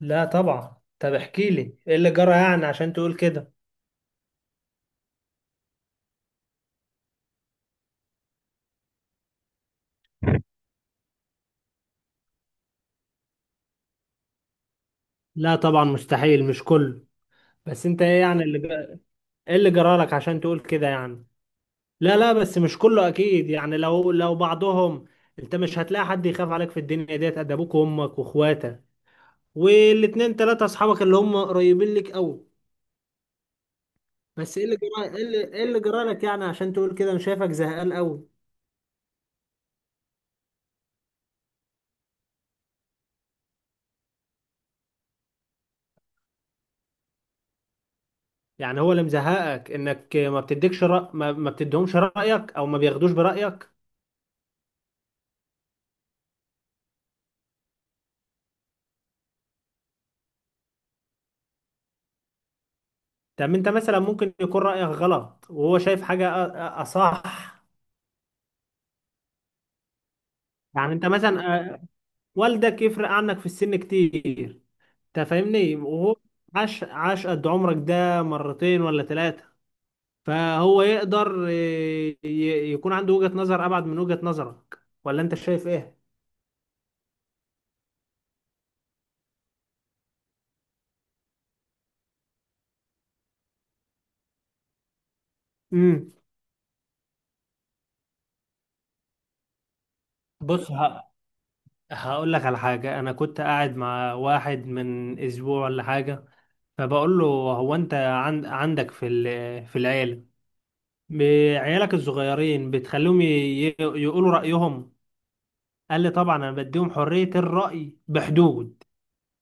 لا طبعا. طب احكي لي ايه اللي جرى يعني عشان تقول كده؟ لا طبعا، مستحيل. مش كله. بس انت ايه يعني اللي جرى؟ ايه اللي جرى لك عشان تقول كده يعني؟ لا لا، بس مش كله اكيد يعني، لو بعضهم. انت مش هتلاقي حد يخاف عليك في الدنيا ديت قد ابوك وامك واخواتك، والاتنين تلاتة اصحابك اللي هم قريبين لك قوي. بس ايه اللي جرى؟ ايه اللي ايه اللي جرى لك يعني عشان تقول كده؟ انا شايفك زهقان قوي. يعني هو اللي مزهقك انك ما بتديكش رأ... ما... ما بتديهمش رأيك، او ما بياخدوش برأيك؟ طب انت مثلا ممكن يكون رايك غلط، وهو شايف حاجه اصح. يعني انت مثلا، والدك يفرق عنك في السن كتير. انت فاهمني؟ وهو عاش قد عمرك ده مرتين ولا ثلاثه. فهو يقدر، يكون عنده وجهه نظر ابعد من وجهه نظرك. ولا انت شايف ايه؟ امم. بص، هقول لك على حاجه. انا كنت قاعد مع واحد من اسبوع ولا حاجه، فبقول له هو انت عندك في العيله، بعيالك الصغيرين بتخليهم يقولوا رأيهم؟ قال لي طبعا، انا بديهم حرية الرأي بحدود.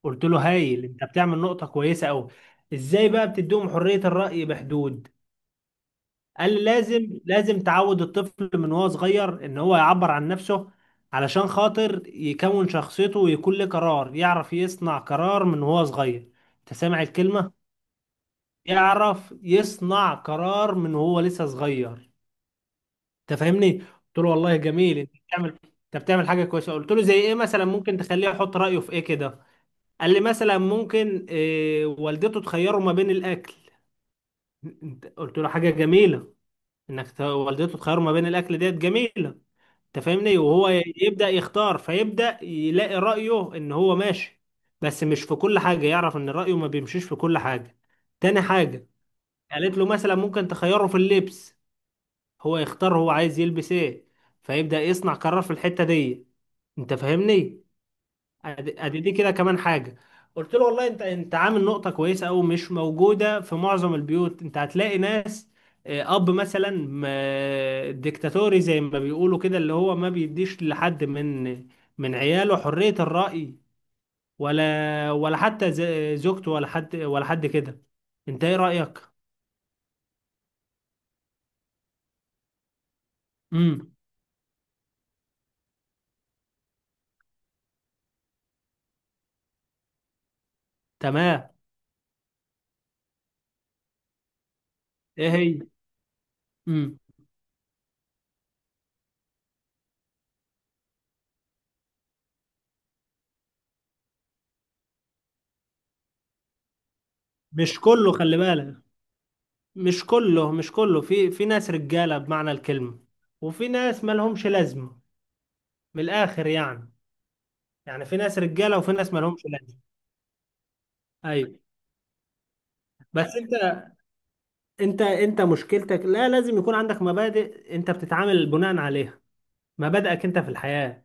قلت له هايل، انت بتعمل نقطة كويسة قوي. ازاي بقى بتديهم حرية الرأي بحدود؟ قال لي لازم تعود الطفل من وهو صغير ان هو يعبر عن نفسه، علشان خاطر يكون شخصيته، ويكون له قرار، يعرف يصنع قرار من وهو صغير. انت سامع الكلمة؟ يعرف يصنع قرار من وهو لسه صغير. انت فاهمني؟ قلت له والله جميل، انت بتعمل حاجه كويسه. قلت له زي ايه مثلا ممكن تخليه يحط رايه في ايه كده؟ قال لي مثلا، ممكن والدته تخيره ما بين الاكل. قلت له حاجه جميله، انك والدته تخيره ما بين الاكل، ديت جميله. انت فاهمني؟ وهو يبدا يختار، فيبدا يلاقي رايه ان هو ماشي. بس مش في كل حاجه، يعرف ان رايه ما بيمشيش في كل حاجه. تاني حاجه، قالت له مثلا ممكن تخيره في اللبس. هو يختار، هو عايز يلبس ايه، فيبدأ يصنع قرار في الحتة دي. انت فاهمني؟ أدي دي كده كمان حاجة. قلت له والله انت عامل نقطة كويسة او مش موجودة في معظم البيوت. انت هتلاقي ناس، اب مثلا ديكتاتوري زي ما بيقولوا كده، اللي هو ما بيديش لحد من عياله حرية الرأي، ولا حتى زوجته، ولا حد ولا حد كده. انت ايه رأيك؟ امم. تمام. ايه هي؟ امم. مش كله، خلي بالك، مش كله. في ناس رجالة بمعنى الكلمة، وفي ناس مالهمش لازمة. من الآخر يعني، يعني في ناس رجالة، وفي ناس مالهمش لازمة. أيوة. بس أنت، مشكلتك لا، لازم يكون عندك مبادئ أنت بتتعامل بناء عليها. مبادئك أنت في الحياة.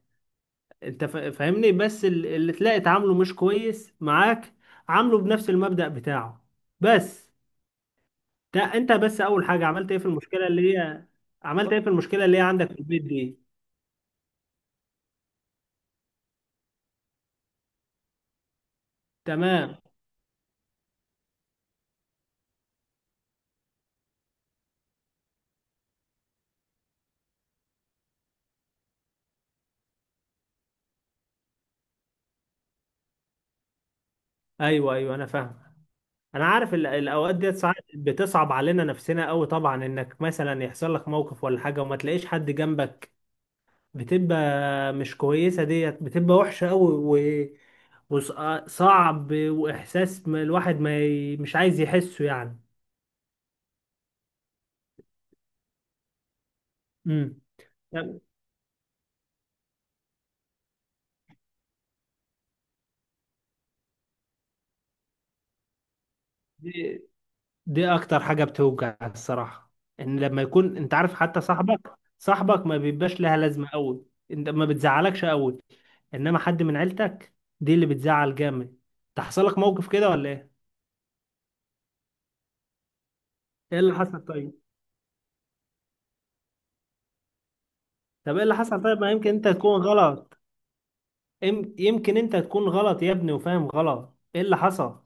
أنت فاهمني؟ بس اللي تلاقي تعامله مش كويس معاك، عامله بنفس المبدأ بتاعه بس. ده أنت بس، أول حاجة عملت إيه في المشكلة اللي هي عندك في البيت دي؟ تمام. ايوه ايوه، انا فاهم. انا عارف الاوقات ديت ساعات بتصعب علينا نفسنا قوي طبعا، انك مثلا يحصل لك موقف ولا حاجه وما تلاقيش حد جنبك، بتبقى مش كويسه. ديت بتبقى وحشه قوي وصعب، واحساس ما الواحد ما ي... مش عايز يحسه يعني. امم. دي دي اكتر حاجه بتوجع الصراحه، ان لما يكون انت عارف حتى صاحبك ما بيبقاش لها لازمه قوي، انت ما بتزعلكش قوي. انما حد من عيلتك، دي اللي بتزعل جامد. تحصل لك موقف كده ولا ايه؟ ايه اللي حصل طيب؟ طب ايه اللي حصل طيب؟ ما يمكن انت تكون غلط. يمكن انت تكون غلط يا ابني وفاهم غلط. ايه اللي حصل؟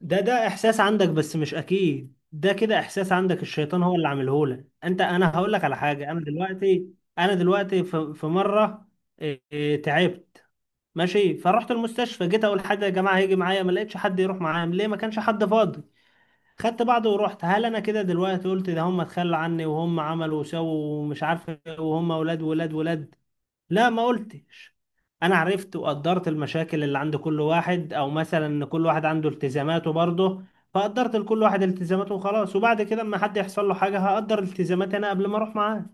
ده احساس عندك بس مش اكيد ده كده، احساس عندك الشيطان هو اللي عامله لك انت. انا هقول لك على حاجه، انا دلوقتي في مره، إيه إيه، تعبت. ماشي فرحت المستشفى، جيت اقول حد يا جماعه هيجي معايا، ما لقيتش حد يروح معايا. ليه؟ ما كانش حد فاضي. خدت بعضه ورحت. هل انا كده دلوقتي قلت ده هم اتخلوا عني وهم عملوا وسووا ومش عارف إيه، وهم ولاد ولاد ولاد؟ لا ما قلتش. انا عرفت وقدرت المشاكل اللي عند كل واحد، او مثلا ان كل واحد عنده التزاماته برضه. فقدرت لكل واحد التزاماته وخلاص. وبعد كده اما حد يحصل له حاجه، هقدر التزاماتي انا قبل ما اروح معاه.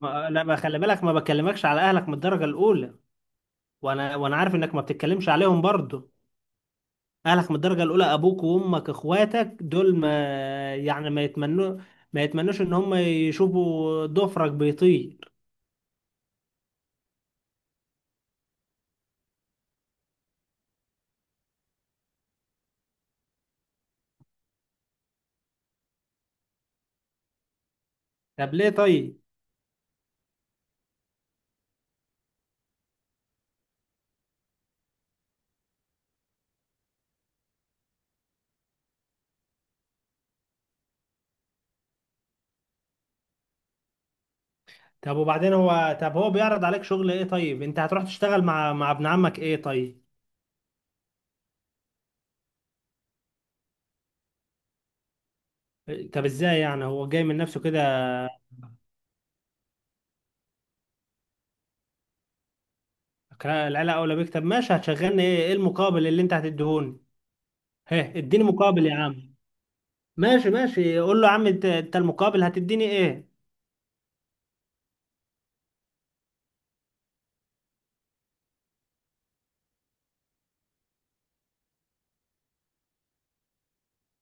لا ما، خلي بالك، ما بكلمكش على اهلك من الدرجه الاولى. وانا عارف انك ما بتتكلمش عليهم برضه. أهلك من الدرجة الأولى، أبوك وأمك إخواتك دول، ما يعني، ما يتمنوش إن هم يشوفوا ضفرك بيطير. طب ليه طيب؟ طب وبعدين هو، طب هو بيعرض عليك شغل إيه طيب؟ أنت هتروح تشتغل مع ابن عمك إيه طيب؟ طب إزاي يعني هو جاي من نفسه كده؟ العيلة أولى بيك. طب ماشي، هتشغلني إيه؟ إيه المقابل اللي أنت هتديهوني؟ هه، إديني مقابل يا عم. ماشي ماشي، قول له يا عم أنت المقابل هتديني إيه؟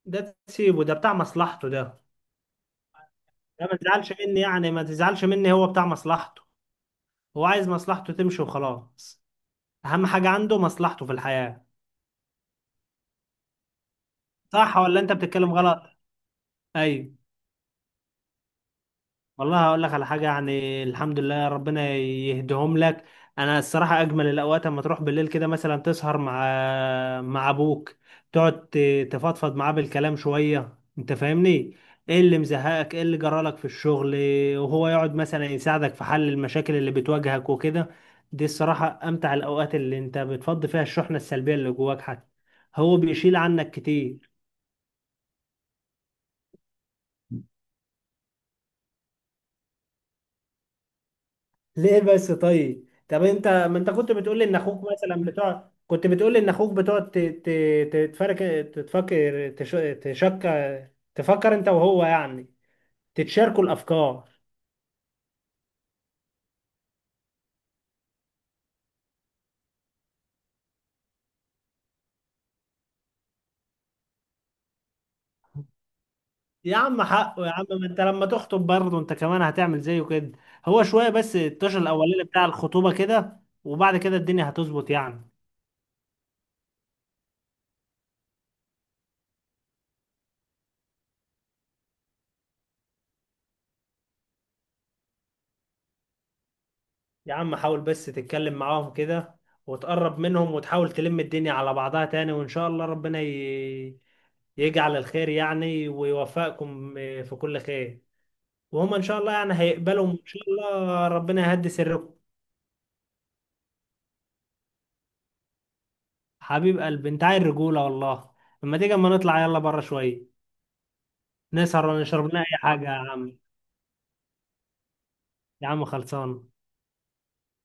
ده تسيبه ده، بتاع مصلحته ده. لا ما تزعلش مني، يعني ما تزعلش مني، هو بتاع مصلحته. هو عايز مصلحته تمشي وخلاص. اهم حاجة عنده مصلحته في الحياة. صح ولا انت بتتكلم غلط؟ ايوه. والله هقول لك على حاجة، يعني الحمد لله ربنا يهديهم لك. أنا الصراحة أجمل الأوقات أما تروح بالليل كده مثلا، تسهر مع أبوك، تقعد تفضفض معاه بالكلام شوية. أنت فاهمني؟ إيه اللي مزهقك؟ إيه اللي جرالك في الشغل؟ وهو يقعد مثلا يساعدك في حل المشاكل اللي بتواجهك وكده. دي الصراحة أمتع الأوقات، اللي أنت بتفضي فيها الشحنة السلبية اللي جواك. حتى هو بيشيل عنك كتير. ليه بس طيب؟ طب انت، ما انت كنت بتقول لي ان اخوك بتقعد تتفرك، تتفكر تش... تشك، تفكر انت وهو يعني، تتشاركوا الافكار. يا عم حقه، يا عم ما انت لما تخطب برضه انت كمان هتعمل زيه كده. هو شويه بس الطشة الاولاني بتاع الخطوبه كده، وبعد كده الدنيا هتظبط يعني. يا عم حاول بس تتكلم معاهم كده، وتقرب منهم، وتحاول تلم الدنيا على بعضها تاني. وإن شاء الله ربنا يجعل الخير يعني، ويوفقكم، في كل خير. وهم إن شاء الله يعني هيقبلوا، وإن شاء الله ربنا يهدي سركم. حبيب قلبي أنت، عايل رجولة والله. أما نطلع يلا بره شوية، نسهر ونشرب لنا أي حاجة يا عم. يا عم خلصان.